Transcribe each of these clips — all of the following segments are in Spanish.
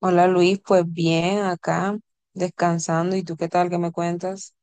Hola Luis, pues bien, acá descansando. ¿Y tú qué tal? ¿Qué me cuentas?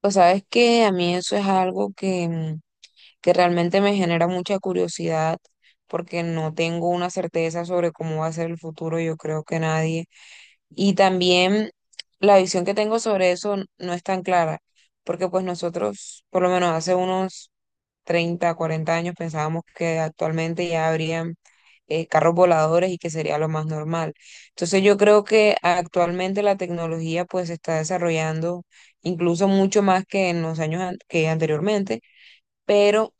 Pues sabes que a mí eso es algo que realmente me genera mucha curiosidad porque no tengo una certeza sobre cómo va a ser el futuro, yo creo que nadie. Y también la visión que tengo sobre eso no es tan clara porque pues nosotros, por lo menos hace unos 30, 40 años pensábamos que actualmente ya habrían carros voladores y que sería lo más normal. Entonces yo creo que actualmente la tecnología pues se está desarrollando incluso mucho más que en los años an- que anteriormente, pero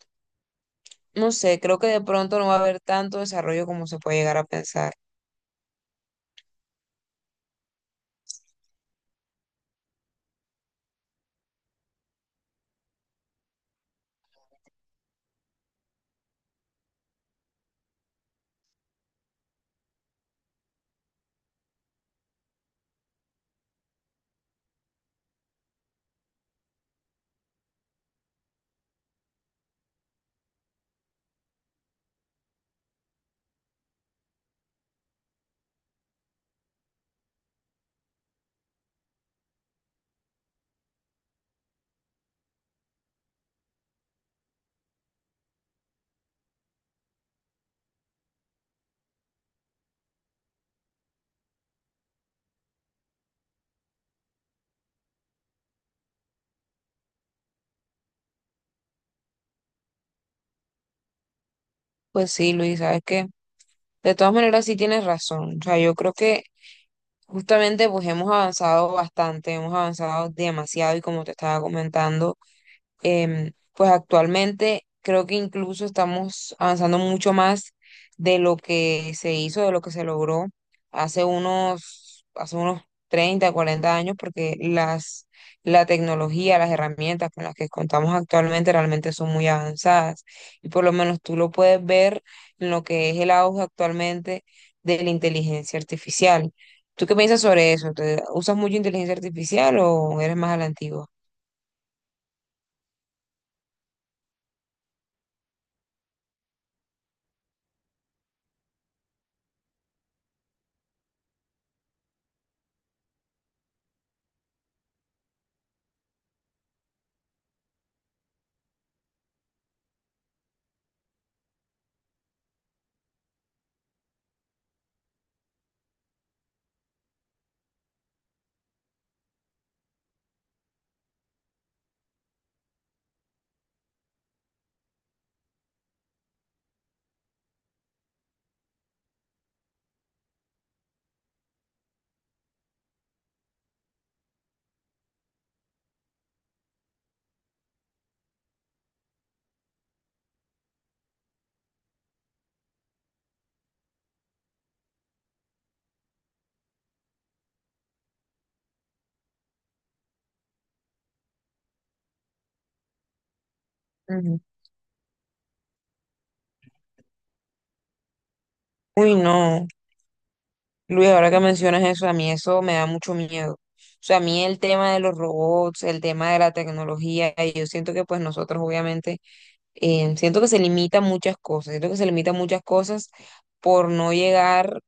no sé, creo que de pronto no va a haber tanto desarrollo como se puede llegar a pensar. Pues sí, Luis, sabes que de todas maneras sí tienes razón. O sea, yo creo que justamente pues hemos avanzado bastante, hemos avanzado demasiado y como te estaba comentando. Pues actualmente creo que incluso estamos avanzando mucho más de lo que se hizo, de lo que se logró hace unos 30, 40 años, porque la tecnología, las herramientas con las que contamos actualmente realmente son muy avanzadas. Y por lo menos tú lo puedes ver en lo que es el auge actualmente de la inteligencia artificial. ¿Tú qué piensas sobre eso? ¿Usas mucho inteligencia artificial o eres más a la antigua? Ujú. Uy, no. Luis, ahora que mencionas eso, a mí eso me da mucho miedo. O sea, a mí el tema de los robots, el tema de la tecnología, y yo siento que pues nosotros obviamente, siento que se limitan muchas cosas, siento que se limitan muchas cosas por no llegar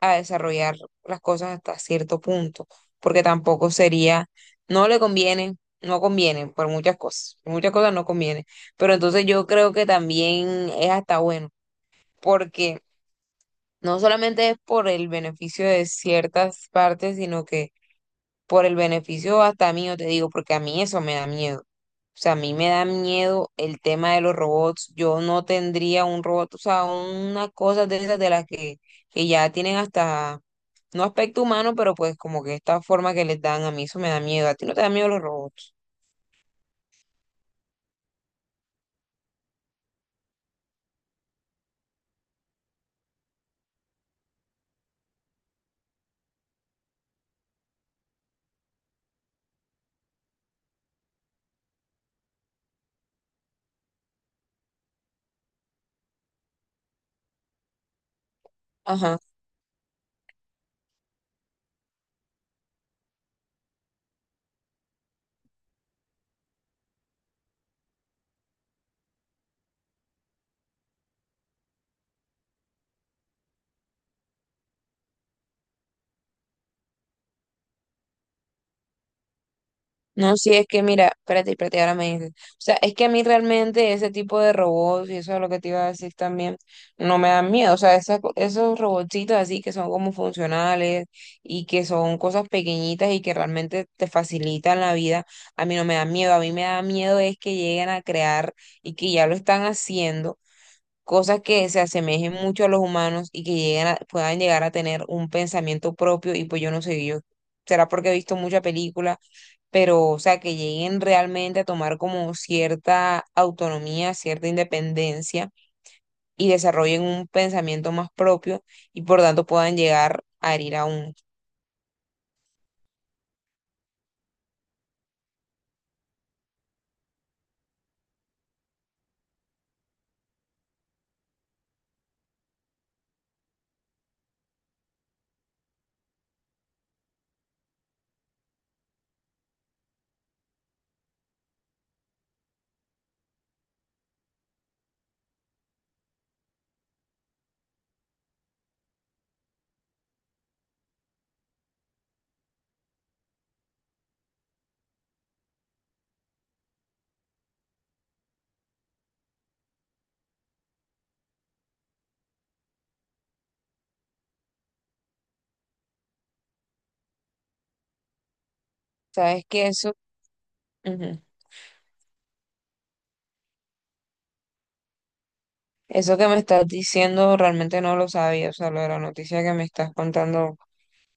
a desarrollar las cosas hasta cierto punto, porque tampoco sería, no le conviene, no conviene por muchas cosas no conviene, pero entonces yo creo que también es hasta bueno, porque... No solamente es por el beneficio de ciertas partes, sino que por el beneficio hasta mío, te digo, porque a mí eso me da miedo. O sea, a mí me da miedo el tema de los robots. Yo no tendría un robot, o sea, una cosa de esas de las que ya tienen hasta, no aspecto humano, pero pues como que esta forma que les dan, a mí eso me da miedo. ¿A ti no te da miedo los robots? Ajá. No, sí, es que mira, espérate, espérate, ahora me dices. O sea, es que a mí realmente ese tipo de robots, y eso es lo que te iba a decir también, no me dan miedo. O sea, esos robotcitos así que son como funcionales y que son cosas pequeñitas y que realmente te facilitan la vida, a mí no me dan miedo. A mí me da miedo es que lleguen a crear y que ya lo están haciendo, cosas que se asemejen mucho a los humanos y que puedan llegar a tener un pensamiento propio y pues yo no sé, yo. Será porque he visto mucha película pero o sea, que lleguen realmente a tomar como cierta autonomía, cierta independencia y desarrollen un pensamiento más propio y por tanto puedan llegar a herir a uno. ¿Sabes que Eso, Ujú. Eso que me estás diciendo realmente no lo sabía, o sea, lo de la noticia que me estás contando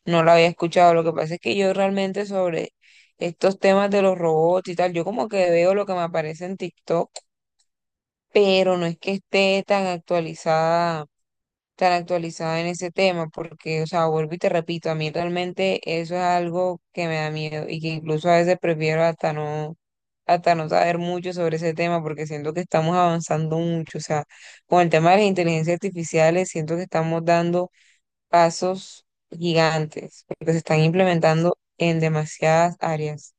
no la había escuchado. Lo que pasa es que yo realmente sobre estos temas de los robots y tal, yo como que veo lo que me aparece en TikTok, pero no es que esté tan actualizada en ese tema, porque, o sea, vuelvo y te repito, a mí realmente eso es algo que me da miedo y que incluso a veces prefiero hasta no saber mucho sobre ese tema, porque siento que estamos avanzando mucho, o sea, con el tema de las inteligencias artificiales, siento que estamos dando pasos gigantes, porque se están implementando en demasiadas áreas.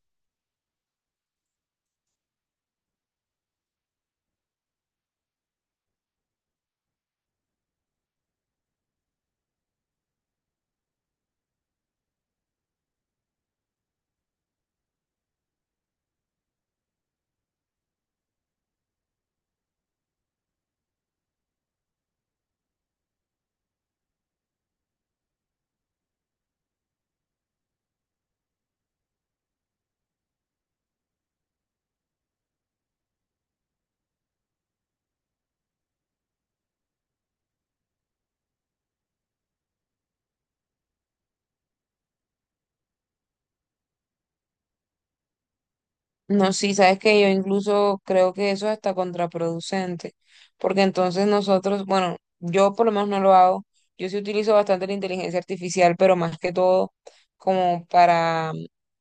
No, sí, sabes que yo incluso creo que eso es hasta contraproducente, porque entonces nosotros, bueno, yo por lo menos no lo hago, yo sí utilizo bastante la inteligencia artificial, pero más que todo como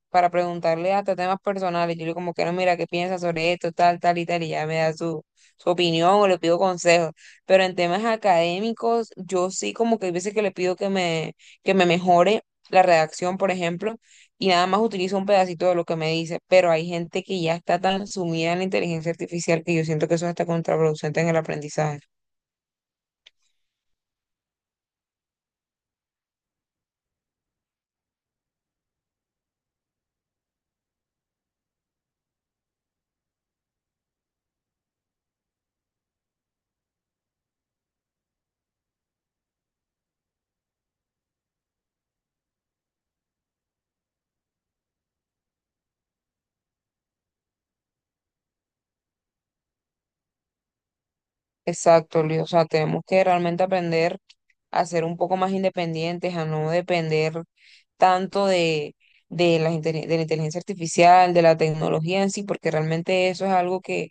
para preguntarle hasta temas personales, yo digo como que no, mira, ¿qué piensas sobre esto, tal, tal y tal? Y ya me da su opinión o le pido consejos, pero en temas académicos, yo sí como que hay veces que le pido que me mejore la redacción, por ejemplo, y nada más utilizo un pedacito de lo que me dice, pero hay gente que ya está tan sumida en la inteligencia artificial que yo siento que eso es hasta contraproducente en el aprendizaje. Exacto, Luis. O sea, tenemos que realmente aprender a ser un poco más independientes, a no depender tanto de la inteligencia artificial, de la tecnología en sí, porque realmente eso es algo que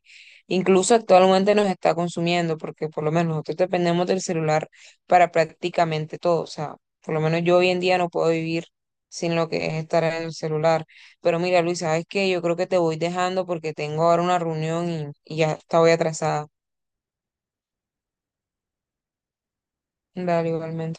incluso actualmente nos está consumiendo, porque por lo menos nosotros dependemos del celular para prácticamente todo. O sea, por lo menos yo hoy en día no puedo vivir sin lo que es estar en el celular. Pero mira, Luis, ¿sabes qué? Yo creo que te voy dejando porque tengo ahora una reunión y ya estaba atrasada. Dale, igualmente.